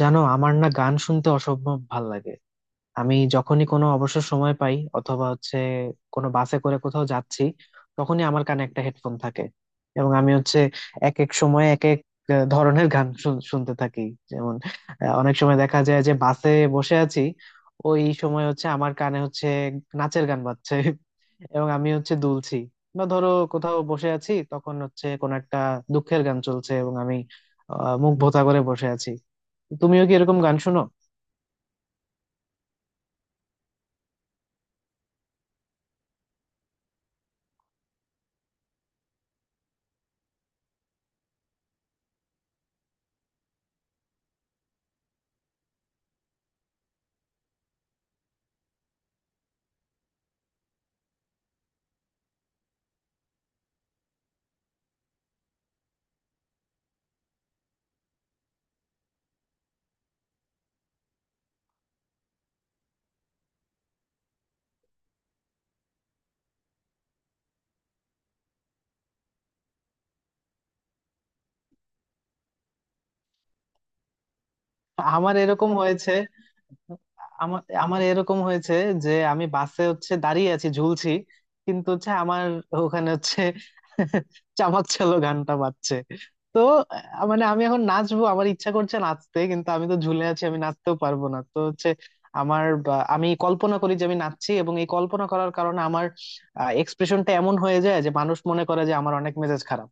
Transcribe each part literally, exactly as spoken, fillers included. জানো, আমার না গান শুনতে অসম্ভব ভাল লাগে। আমি যখনই কোনো অবসর সময় পাই অথবা হচ্ছে কোনো বাসে করে কোথাও যাচ্ছি, তখনই আমার কানে একটা হেডফোন থাকে। এবং আমি হচ্ছে এক এক সময় এক এক আহ, ধরনের গান শুন- শুনতে থাকি। যেমন আহ, অনেক সময় দেখা যায় যে বাসে বসে আছি, ওই সময় হচ্ছে আমার কানে হচ্ছে নাচের গান বাজছে এবং আমি হচ্ছে দুলছি। বা ধরো কোথাও বসে আছি, তখন হচ্ছে কোন একটা দুঃখের গান চলছে এবং আমি আহ, মুখ ভোতা করে বসে আছি। তুমিও কি এরকম গান শোনো? আমার এরকম হয়েছে। আমার আমার এরকম হয়েছে যে আমি বাসে হচ্ছে দাঁড়িয়ে আছি, ঝুলছি, কিন্তু হচ্ছে আমার ওখানে হচ্ছে চামাক চালো গানটা বাজছে। তো আহ, মানে আমি এখন নাচবো, আমার ইচ্ছা করছে নাচতে, কিন্তু আমি তো ঝুলে আছি, আমি নাচতেও পারবো না। তো হচ্ছে আমার বা- আমি কল্পনা করি যে আমি নাচছি, এবং এই কল্পনা করার কারণে আমার এক্সপ্রেশনটা এমন হয়ে যায় যে মানুষ মনে করে যে আমার অনেক মেজাজ খারাপ।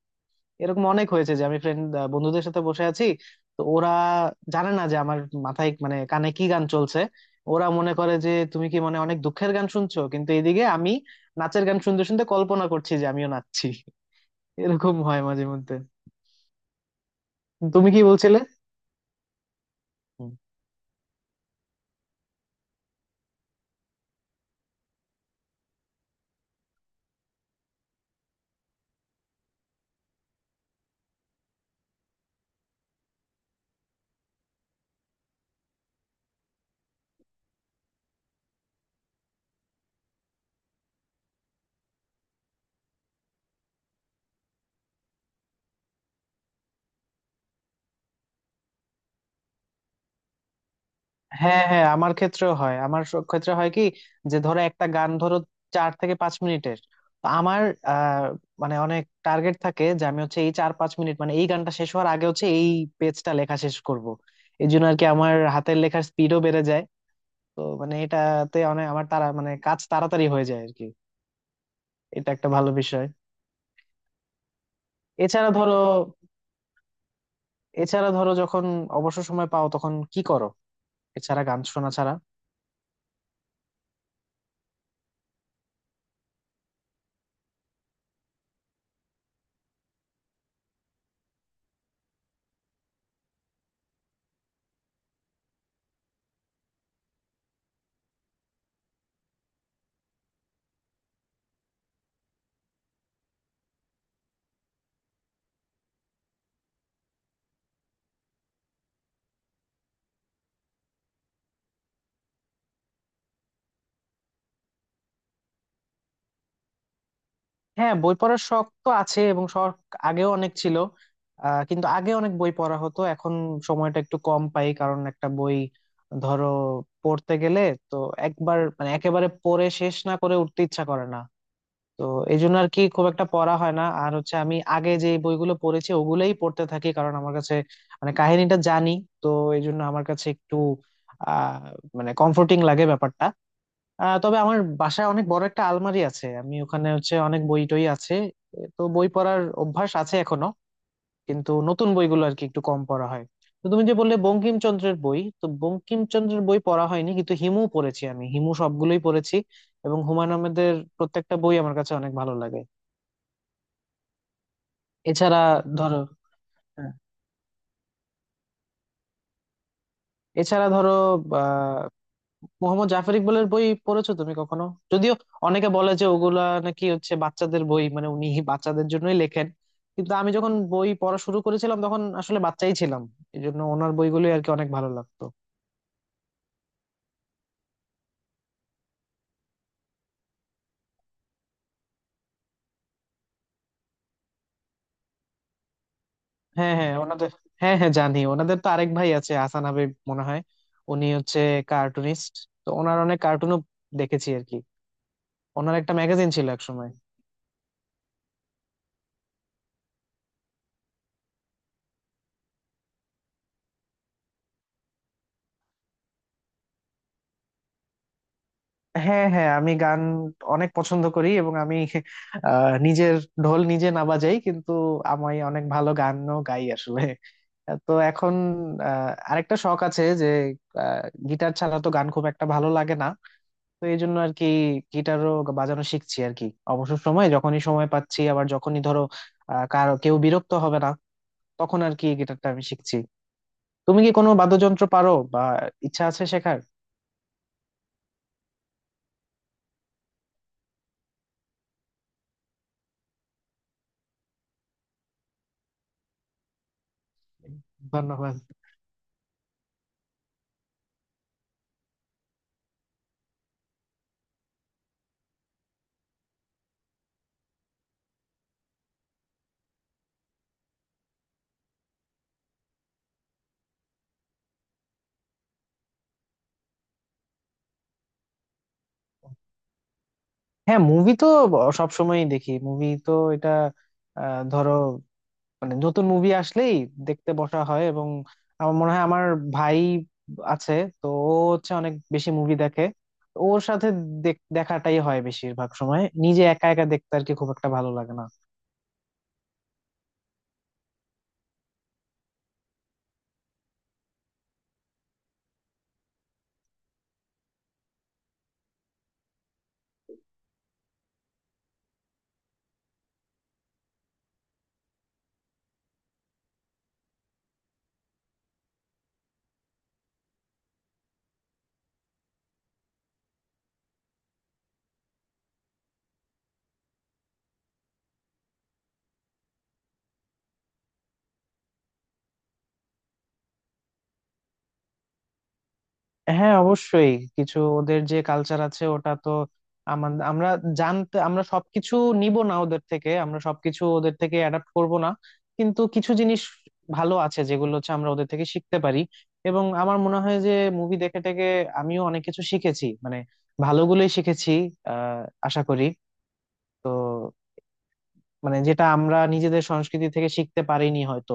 এরকম অনেক হয়েছে যে আমি ফ্রেন্ড, বন্ধুদের সাথে বসে আছি, তো ওরা জানে না যে আমার মাথায় মানে কানে কি গান চলছে। ওরা মনে করে যে তুমি কি মানে অনেক দুঃখের গান শুনছো, কিন্তু এদিকে আমি নাচের গান শুনতে শুনতে কল্পনা করছি যে আমিও নাচছি। এরকম হয় মাঝে মধ্যে। তুমি কি বলছিলে? হ্যাঁ হ্যাঁ, আমার ক্ষেত্রেও হয়। আমার স- ক্ষেত্রে হয় কি, যে ধরো একটা গান ধরো চার থেকে পাঁচ মিনিটের, তো আমার আহ, মানে অনেক টার্গেট থাকে যে আমি হচ্ছে এই চার পাঁচ মিনিট মানে এই গানটা শেষ হওয়ার আগে হচ্ছে এই পেজটা লেখা শেষ করব। এই জন্য আর কি আমার হাতের লেখার স্পিডও বেড়ে যায়। তো মানে এটাতে অনেক আমার তারা মানে কাজ তাড়াতাড়ি হয়ে যায় আর কি। এটা একটা ভালো বিষয়। এছাড়া ধরো, এছাড়া ধরো যখন অবসর সময় পাও তখন কি করো, এছাড়া গান শোনা ছাড়া? হ্যাঁ, বই পড়ার শখ তো আছে, এবং শখ আগেও অনেক ছিল। আহ, কিন্তু আগে অনেক বই পড়া হতো, এখন সময়টা একটু কম পাই, কারণ একটা বই ধরো পড়তে গেলে তো একবার মানে একেবারে পড়ে শেষ না করে উঠতে ইচ্ছা করে না। তো এই জন্য আর কি খুব একটা পড়া হয় না। আর হচ্ছে আমি আগে যে বইগুলো পড়েছি ওগুলোই পড়তে থাকি, কারণ আমার কাছে মানে কাহিনীটা জানি। তো এই জন্য আমার কাছে একটু আহ মানে কমফোর্টিং লাগে ব্যাপারটা। আহ তবে আমার বাসায় অনেক বড় একটা আলমারি আছে, আমি ওখানে হচ্ছে অনেক বই টই আছে। তো বই পড়ার অভ্যাস আছে এখনো, কিন্তু নতুন বইগুলো আর কি একটু কম পড়া হয়। তো তুমি যে বললে বঙ্কিমচন্দ্রের বই, তো বঙ্কিমচন্দ্রের বই পড়া হয়নি, কিন্তু হিমু পড়েছি, আমি হিমু সবগুলোই পড়েছি। এবং হুমায়ুন আহমেদের প্রত্যেকটা বই আমার কাছে অনেক ভালো লাগে। এছাড়া ধরো, হ্যাঁ, এছাড়া ধরো আহ মোহাম্মদ জাফর ইকবালের বই পড়েছো তুমি কখনো? যদিও অনেকে বলে যে ওগুলা নাকি হচ্ছে বাচ্চাদের বই, মানে উনি বাচ্চাদের জন্যই লেখেন, কিন্তু আমি যখন বই পড়া শুরু করেছিলাম তখন আসলে বাচ্চাই ছিলাম। এই জন্য ওনার বইগুলো আর কি অনেক ভালো লাগতো। হ্যাঁ হ্যাঁ, ওনাদের, হ্যাঁ হ্যাঁ জানি, ওনাদের তো আরেক ভাই আছে, হাসান হাবিব মনে হয়। উনি হচ্ছে কার্টুনিস্ট, তো ওনার অনেক কার্টুনও দেখেছি আর কি। ওনার একটা ম্যাগাজিন ছিল একসময়। হ্যাঁ হ্যাঁ, আমি গান অনেক পছন্দ করি, এবং আমি আহ, নিজের ঢোল নিজে না বাজাই, কিন্তু আমি অনেক ভালো গানও গাই আসলে। তো এখন আহ, আরেকটা শখ আছে যে গিটার ছাড়া তো গান খুব একটা ভালো লাগে না, তো এই জন্য আর কি গিটারও বাজানো শিখছি আর কি। অবসর সময় যখনই সময় পাচ্ছি, আবার যখনই ধরো আহ কারো কেউ বিরক্ত হবে না, তখন আর কি গিটারটা আমি শিখছি। তুমি কি কোনো বাদ্যযন্ত্র পারো, বা ইচ্ছা আছে শেখার? ধন্যবাদ। হ্যাঁ, মুভি তো সবসময়ই দেখি। মুভি তো এটা আহ, ধরো মানে নতুন মুভি আসলেই দেখতে বসা হয়। এবং আমার মনে হয় আমার ভাই আছে, তো ও হচ্ছে অনেক বেশি মুভি দেখে, ওর সাথে দেখ- দেখাটাই হয় বেশিরভাগ সময়। নিজে একা একা দেখতে আর কি খুব একটা ভালো লাগে না। হ্যাঁ অবশ্যই, কিছু ওদের যে কালচার আছে ওটা তো আমাদের, আমরা জানতে, আমরা সবকিছু নিব না ওদের থেকে, আমরা সবকিছু ওদের থেকে অ্যাডাপ্ট করব না, কিন্তু কিছু জিনিস ভালো আছে যেগুলো হচ্ছে আমরা ওদের থেকে শিখতে পারি। এবং আমার মনে হয় যে মুভি দেখে টেকে আমিও অনেক কিছু শিখেছি, মানে ভালোগুলোই শিখেছি আহ আশা করি। তো মানে যেটা আমরা নিজেদের সংস্কৃতি থেকে শিখতে পারিনি হয়তো,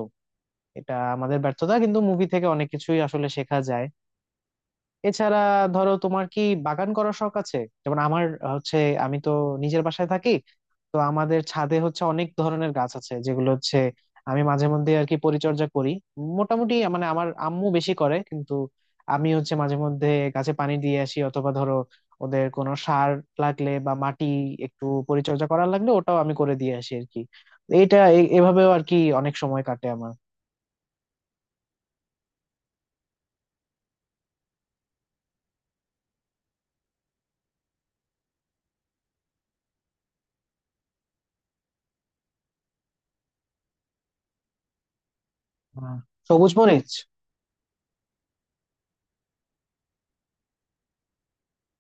এটা আমাদের ব্যর্থতা, কিন্তু মুভি থেকে অনেক কিছুই আসলে শেখা যায়। এছাড়া ধরো, তোমার কি বাগান করার শখ আছে? যেমন আমার আহ, হচ্ছে আমি তো নিজের বাসায় থাকি, তো আমাদের ছাদে হচ্ছে অনেক ধরনের গাছ আছে যেগুলো হচ্ছে আমি মাঝে মধ্যে আর কি পরিচর্যা করি। মোটামুটি মানে আমার আম্মু বেশি করে, কিন্তু আমি হচ্ছে মাঝে মধ্যে গাছে পানি দিয়ে আসি, অথবা ধরো ওদের কোনো সার লাগলে বা মাটি একটু পরিচর্যা করার লাগলে ওটাও আমি করে দিয়ে আসি আর কি। এটা এ- এভাবেও আর কি অনেক সময় কাটে আমার। হ্যাঁ। সবুজ মরিচ।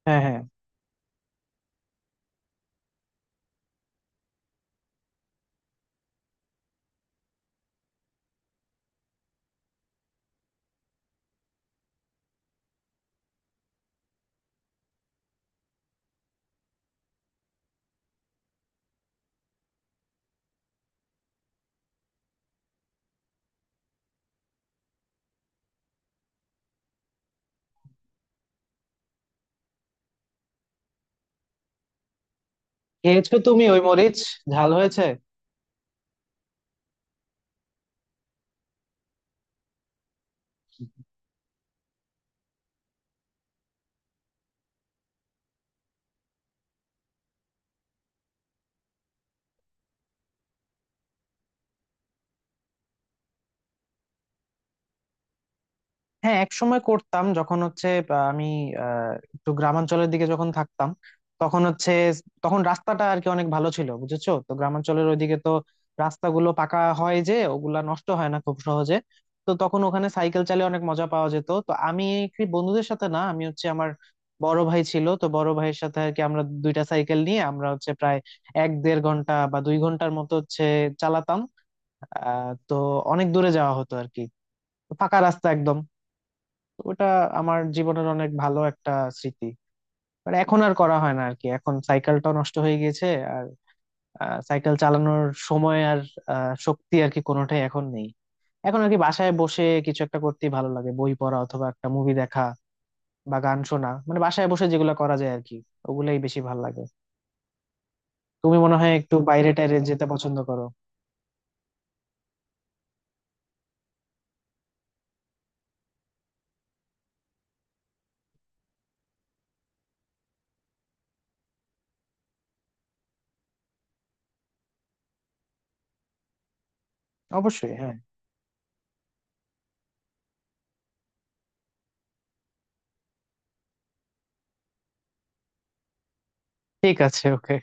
হ্যাঁ হ্যাঁ। খেয়েছো তুমি ওই মরিচ, ঝাল হয়েছে? হ্যাঁ, এক সময় করতাম, যখন হচ্ছে আহ, আমি আহ, একটু গ্রামাঞ্চলের দিকে যখন থাকতাম, তখন হচ্ছে, তখন রাস্তাটা আর কি অনেক ভালো ছিল, বুঝেছো তো গ্রামাঞ্চলের ওইদিকে তো রাস্তাগুলো পাকা হয় যে ওগুলা নষ্ট হয় না খুব সহজে। তো তখন ওখানে সাইকেল চালিয়ে অনেক মজা পাওয়া যেত। তো আমি কি বন্ধুদের সাথে না, আমি হচ্ছে আমার বড় ভাই ছিল, তো বড় ভাইয়ের সাথে আর কি আমরা দুইটা সাইকেল নিয়ে আমরা হচ্ছে প্রায় এক দেড় ঘন্টা বা দুই ঘন্টার মতো হচ্ছে চালাতাম। আহ তো অনেক দূরে যাওয়া হতো আর কি, ফাঁকা রাস্তা একদম। তো ওটা আমার জীবনের অনেক ভালো একটা স্মৃতি। বাট এখন আর করা হয় না আর কি, এখন সাইকেলটা নষ্ট হয়ে গিয়েছে, আর সাইকেল চালানোর সময় আর আহ, শক্তি আর কি কোনোটাই এখন নেই। এখন আর কি বাসায় বসে কিছু একটা করতেই ভালো লাগে, বই পড়া অথবা একটা মুভি দেখা বা গান শোনা, মানে বাসায় বসে যেগুলো করা যায় আর কি, ওগুলাই বেশি ভালো লাগে। তুমি মনে হয় একটু বাইরে টাইরে যেতে পছন্দ করো। অবশ্যই, হ্যাঁ। ঠিক আছে, ওকে।